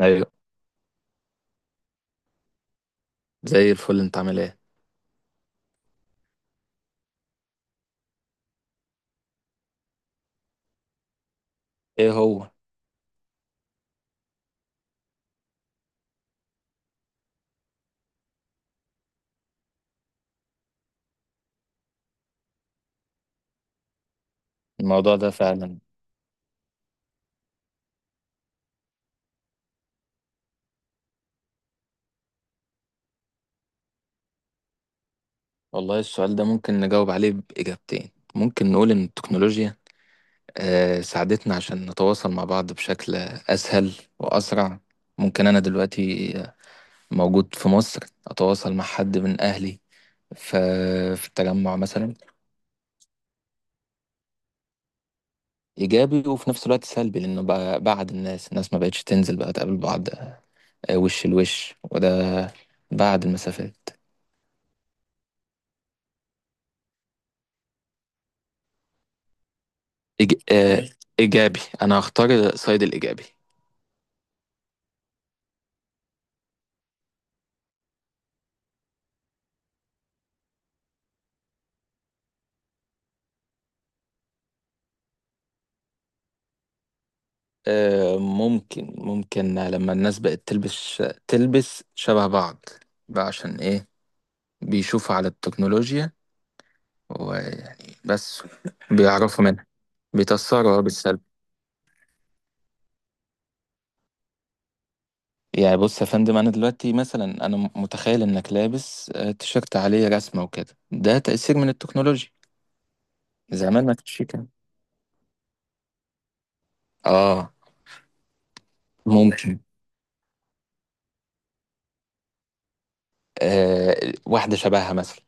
ايوه. زي الفل، انت عامل ايه؟ ايه هو؟ الموضوع ده فعلا. والله، السؤال ده ممكن نجاوب عليه بإجابتين. ممكن نقول ان التكنولوجيا ساعدتنا عشان نتواصل مع بعض بشكل اسهل واسرع. ممكن انا دلوقتي موجود في مصر، اتواصل مع حد من اهلي ف- في التجمع مثلا. ايجابي وفي نفس الوقت سلبي، لانه بقى بعد الناس، الناس ما بقتش تنزل بقى تقابل بعض وش لوش، وده بعد المسافات. إج... آه، ماشي، إيجابي. أنا هختار سايد الإيجابي. ممكن لما الناس بقت تلبس تلبس شبه بعض، بقى عشان إيه؟ بيشوفوا على التكنولوجيا، ويعني بس بيعرفوا منها، بيتأثروا بالسلب. يعني بص يا فندم، أنا دلوقتي مثلا، أنا متخيل إنك لابس تيشيرت عليه رسمة وكده، ده تأثير من التكنولوجيا. زمان ما كانش كده. آه ممكن، واحدة شبهها مثلا.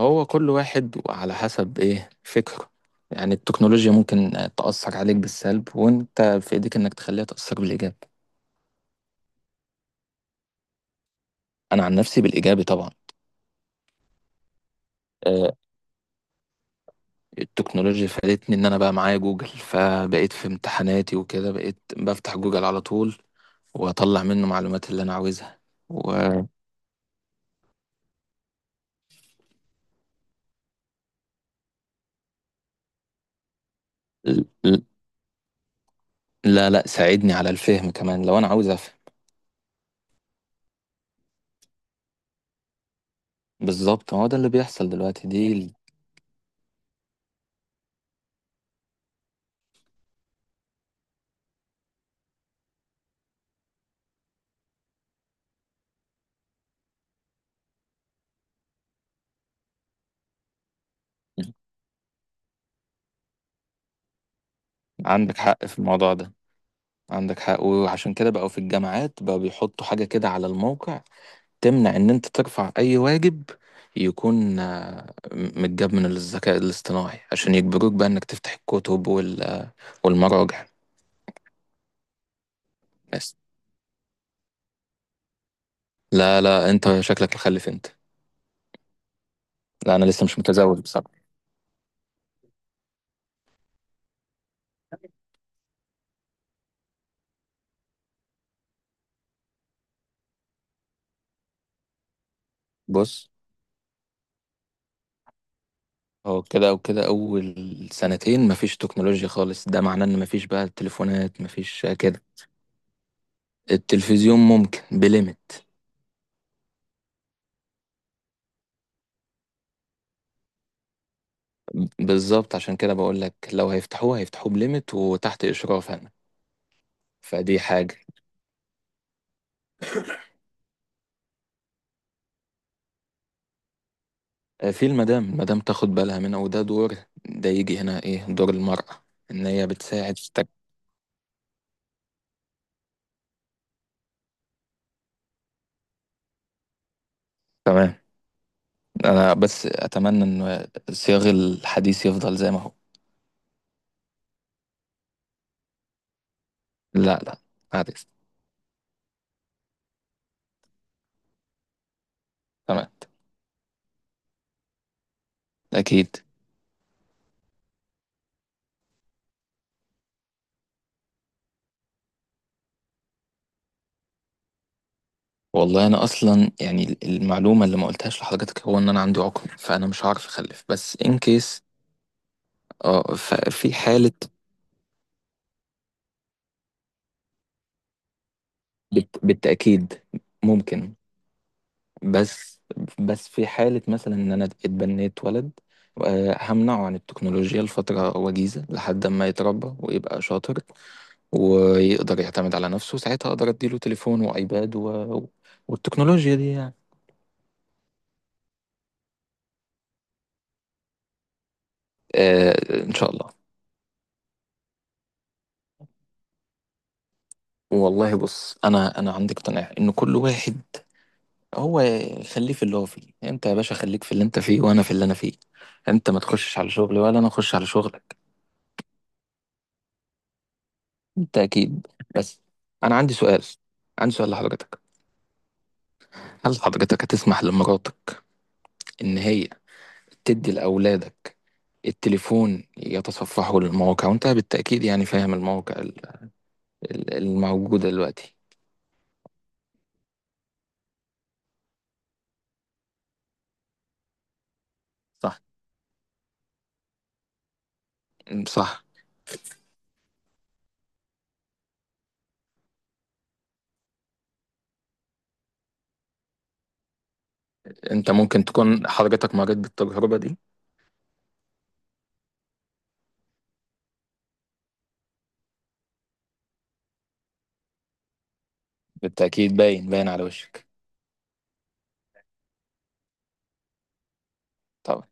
هو كل واحد وعلى حسب ايه فكره. يعني التكنولوجيا ممكن تأثر عليك بالسلب، وانت في ايديك انك تخليها تأثر بالإيجاب. انا عن نفسي بالإيجابي طبعا. آه، التكنولوجيا فادتني ان انا بقى معايا جوجل، فبقيت في امتحاناتي وكده بقيت بفتح جوجل على طول واطلع منه معلومات اللي انا عاوزها. و ل- ل- لا، لا، ساعدني على الفهم كمان لو انا عاوز افهم. بالظبط، هو ده اللي بيحصل دلوقتي. عندك حق في الموضوع ده. عندك حق، وعشان كده بقوا في الجامعات بقوا بيحطوا حاجة كده على الموقع تمنع ان انت ترفع اي واجب يكون متجاب من الذكاء الاصطناعي، عشان يجبروك بقى انك تفتح الكتب والمراجع. بس. لا، لا، انت شكلك مخلف انت. لا، انا لسه مش متزوج بصراحة. بص، هو كده او كده. اول سنتين مفيش تكنولوجيا خالص، ده معناه ان مفيش بقى تليفونات، مفيش كده. التلفزيون ممكن بليمت. بالظبط، عشان كده بقول لك لو هيفتحوه، هيفتحوه بليمت وتحت اشراف انا. فدي حاجه، في المدام، المدام تاخد بالها منها، وده دور. ده يجي هنا ايه دور المراه؟ ان هي بتساعد. تمام. انا بس اتمنى ان صياغ الحديث يفضل زي ما هو. لا، لا، عارف. تمام، اكيد. والله انا اصلا يعني المعلومه اللي ما قلتهاش لحضرتك هو ان انا عندي عقم، فانا مش هعرف اخلف، بس ان كيس. اه، ففي حاله. بالتاكيد. ممكن. بس بس في حالة مثلا إن أنا اتبنيت ولد، همنعه عن التكنولوجيا لفترة وجيزة لحد ما يتربى ويبقى شاطر، ويقدر يعتمد على نفسه. ساعتها أقدر أديله تليفون وأيباد والتكنولوجيا دي يعني. آه، إن شاء الله. والله بص، أنا عندي اقتناع إن كل واحد هو خليه في اللي هو فيه. أنت يا باشا، خليك في اللي أنت فيه، وأنا في اللي أنا فيه. أنت ما تخشش على شغلي، ولا أنا أخش على شغلك. بالتأكيد. بس. أنا عندي سؤال، عندي سؤال لحضرتك. هل حضرتك هتسمح لمراتك إن هي تدي لأولادك التليفون يتصفحوا للمواقع؟ وأنت بالتأكيد يعني فاهم المواقع الموجودة دلوقتي. صح، صح. أنت ممكن تكون حضرتك مريت بالتجربة دي. بالتأكيد، باين باين على وشك. طبعا.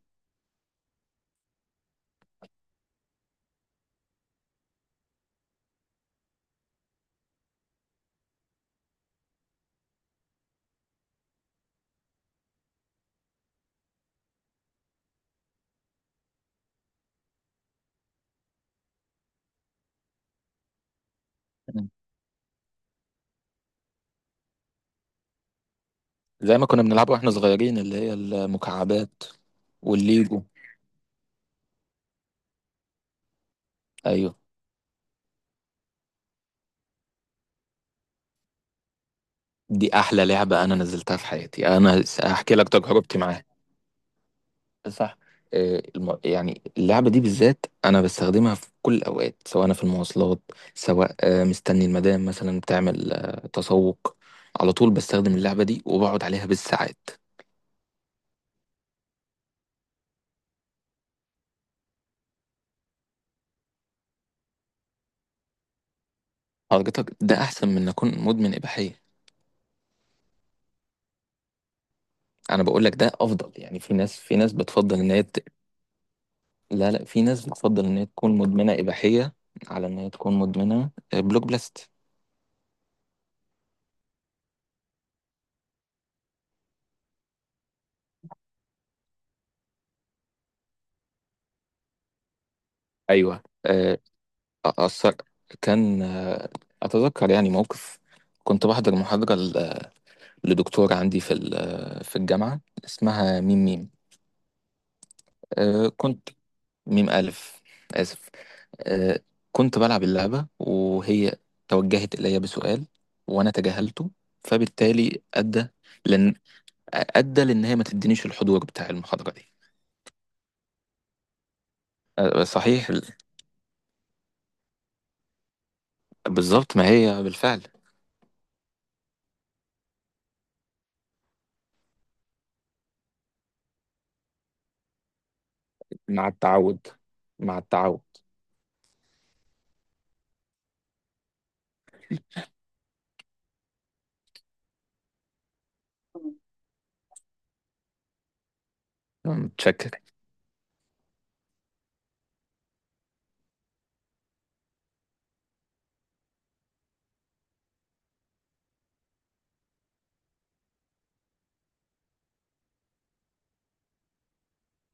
تمام. زي ما كنا بنلعبها واحنا صغيرين، اللي هي المكعبات والليجو. أيوه، دي أحلى لعبة أنا نزلتها في حياتي. أنا هحكي لك تجربتي معاها. صح. يعني اللعبة دي بالذات أنا بستخدمها في كل الأوقات، سواء أنا في المواصلات، سواء مستني المدام مثلا بتعمل تسوق، على طول بستخدم اللعبة دي وبقعد عليها بالساعات. حضرتك، ده أحسن من إن أكون مدمن إباحية. أنا بقول لك ده أفضل، يعني في ناس، في ناس بتفضل إن هي. لا، لا، في ناس بتفضل إن هي تكون مدمنة إباحية على إن هي تكون مدمنة بلوك بلاست. أيوه. أثر. كان آه، أتذكر يعني موقف. كنت بحضر محاضرة لدكتورة عندي في الجامعة اسمها ميم ميم. آه، كنت ميم ألف، آسف. آه، كنت بلعب اللعبة وهي توجهت إلي بسؤال، وأنا تجاهلته، فبالتالي لأن أدى لأن هي ما تدينيش الحضور بتاع المحاضرة دي. صحيح. بالظبط، ما هي بالفعل. مع التعود، مع التعود. متشكر.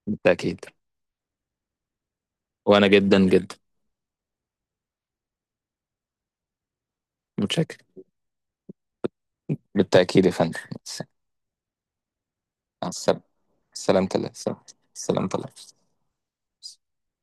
بالتأكيد. وأنا جدا جدا. متشكر. بالتأكيد يا فندم. مع السلامة. سلامة الله. سلامة الله. بس.